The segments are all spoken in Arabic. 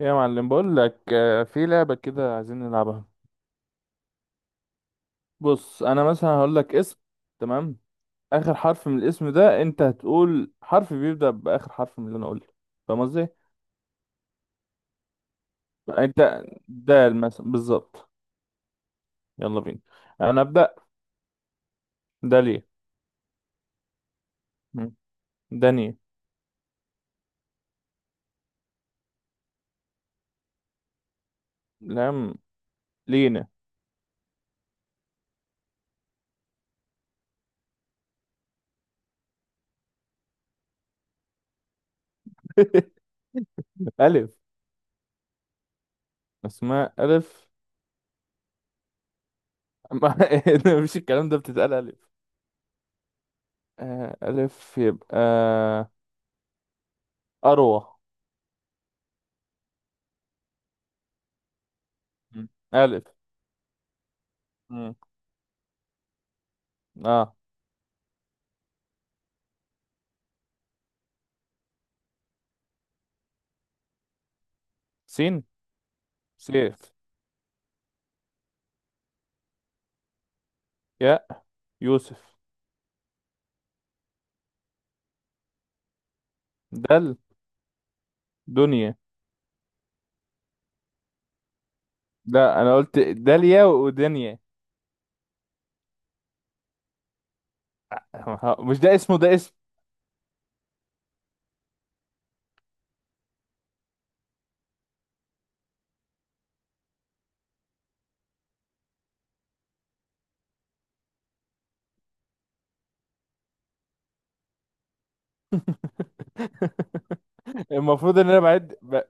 يا معلم، بقول لك في لعبة كده عايزين نلعبها. بص، انا مثلا هقول لك اسم. تمام. اخر حرف من الاسم ده، انت هتقول حرف بيبدأ باخر حرف من اللي انا قلته. فاهم قصدي؟ انت دال مثلا بالظبط. يلا بينا. انا ابدأ. داليا. مم. داني. لام. لينا. الف. اسماء الف. ما مفيش الكلام ده بتتقال الف. آه، الف يبقى. اروى. مم. الف. مم. اه. سين. سيف. يا. يوسف. دل. دنيا. لا، انا قلت داليا ودنيا. مش ده اسمه، ده اسم. المفروض ان انا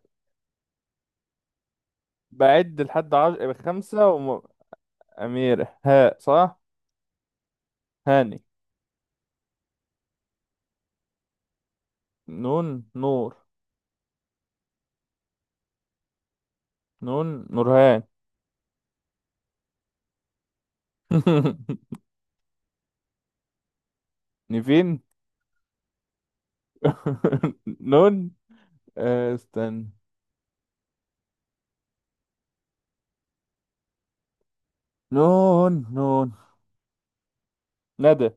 بعد لحد عشر خمسة أميرة هاء صح؟ هاني. نون. نور. نون. نورهان. نيفين. نون. آه، استنى. نون نون. ندى.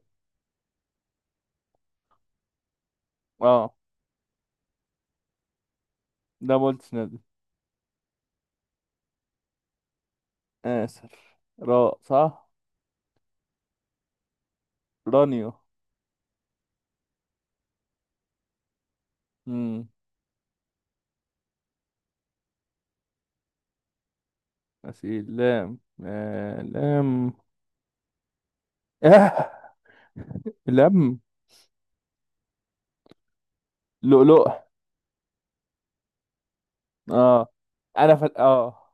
اه. ده ما قلتش ندى. آسف. راء صح. رانيو. غسيل. لام. آه. لام. آه. لم. لؤلؤ. اه. انا اه.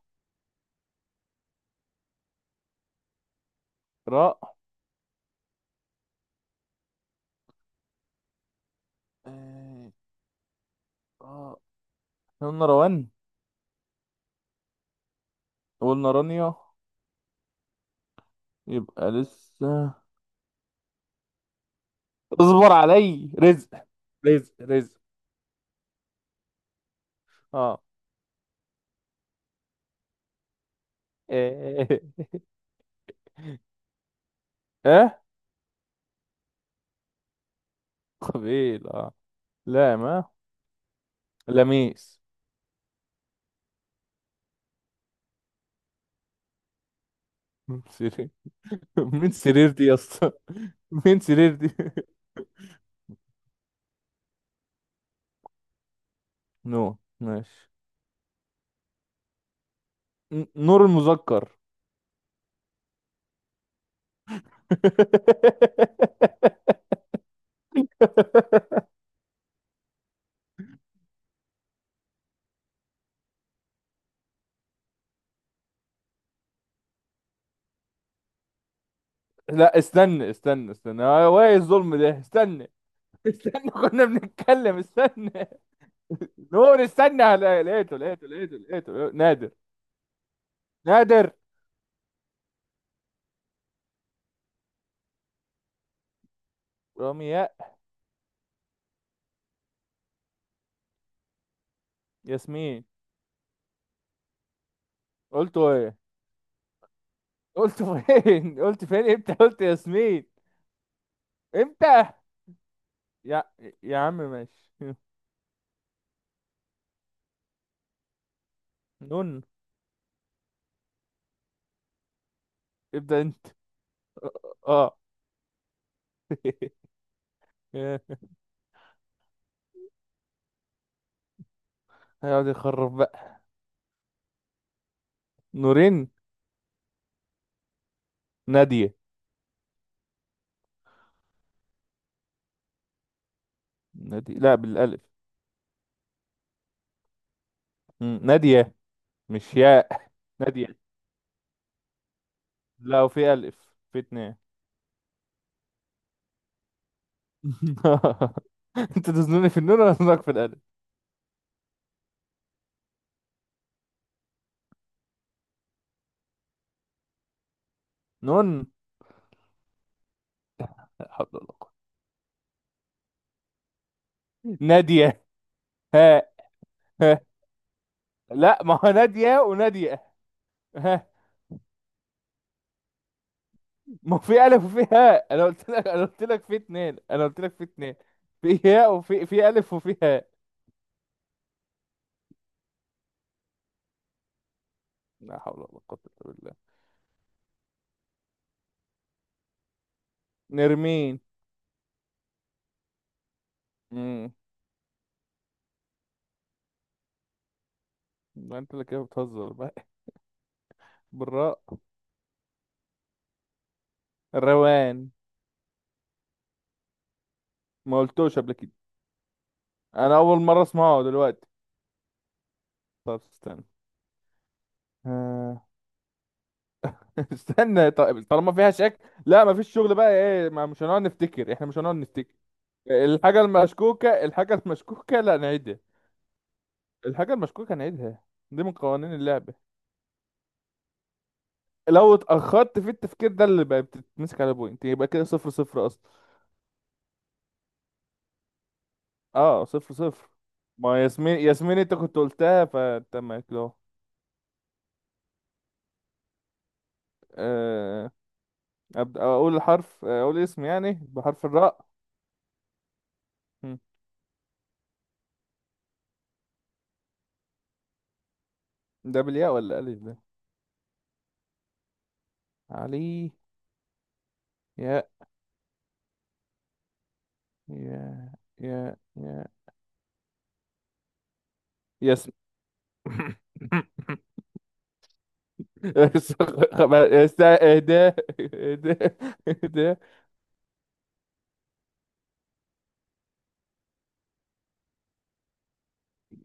راء. آه. آه. إحنا قلنا روان، قلنا رانيا. يبقى لسه. اصبر علي. رزق. رزق رزق. اه. اه. آه. قبيل. اه. لا ما. لميس. من سرير. من سرير دي يا اسطى. من سرير دي. نو ماشي. نور المذكر. لا، استنى استنى استنى، هو ايه الظلم ده؟ استنى. استنى كنا بنتكلم، استنى. نور، استنى، لقيته لقيته لقيته لقيته نادر. نادر. رمياء. ياسمين. قلته ايه؟ قلته فين؟ قلت فين؟ امتى قلت ياسمين؟ امتى؟ يا. يا عم ماشي. نون. ابدأ انت. اه. هيقعد يخرب بقى. نورين. نادية. نادية لا بالالف. مم. نادية. مش ياء نادية. لا، وفي ألف، في اتنين. انت تزنوني في النون ولا تزنك في الألف؟ نون. لا حول ولا قوة. نادية هاء. ها. لا ما هو نادية ونادية. ها. ما هو في ألف وفي هاء، أنا قلت لك أنا قلت لك في اتنين، أنا قلت لك في اتنين. في هاء وفي ألف وفي هاء. لا حول ولا قوة إلا بالله. نرمين. امم ما انت اللي كده بتهزر بقى. بالراء. روان. ما قلتوش قبل كده. انا اول مره اسمعه دلوقتي. طب استنى. آه، استنى طيب، طالما فيها شك. لا مفيش شغل بقى، ايه؟ ما مش هنقعد نفتكر، احنا مش هنقعد نفتكر. الحاجة المشكوكة لا نعيدها. الحاجة المشكوكة نعيدها. دي من قوانين اللعبة. لو اتأخرت في التفكير ده اللي بقى بتتمسك على بوينت، يبقى كده صفر صفر أصلا. اه، صفر صفر. ما ياسمين ياسمين، انت كنت قلتها فتمام كده اهو. آه، أبدأ، أقول اسم يعني بحرف الراء. مم. ده بالياء ولا ألف ده؟ علي. ياء. ياء. ياء ياء. يسمع. اهدى اهدى. اهدى.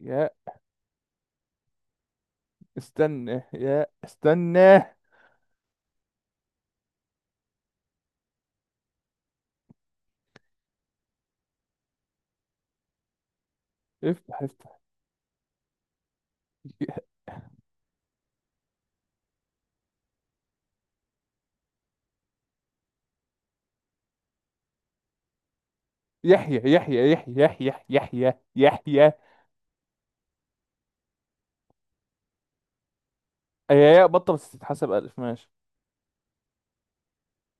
يا، استنى. يا، استنى. افتح افتح. يحيى يحيى يحيى يحيى يحيى يحيى. هي ياء بطة بس تتحسب ألف، ماشي.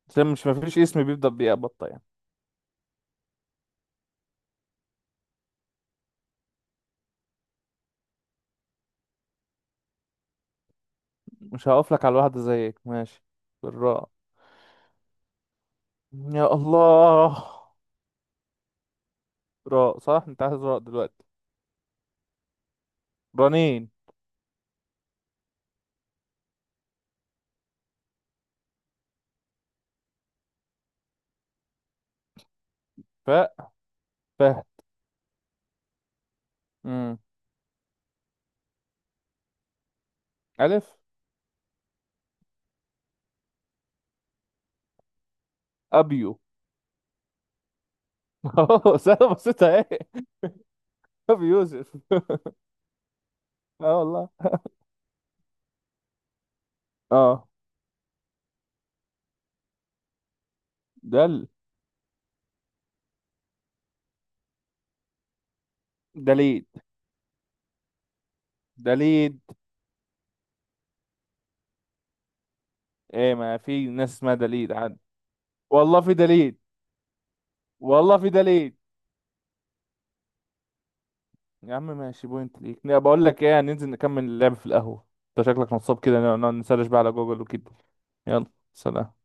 عشان مش مفيش اسم بيبدأ بياء بطة يعني. مش هقف لك على واحدة زيك، ماشي. بالراء. يا الله. راء صح، انت عايز راء دلوقتي. رنين. فاء. فهد. أمم. ألف. أبيو. سهلة بسيطة اهي. ابي يوسف اه والله. اه. دل. دليد. دليد. ايه، ما في ناس اسمها دليد عاد. والله في دليد. والله في دليد. يا عم ماشي، بوينت ليك، لا، بقول لك ايه، هننزل نكمل اللعب في القهوه. انت شكلك نصاب كده، نقعد نسرش بقى على جوجل وكده. يلا. سلام.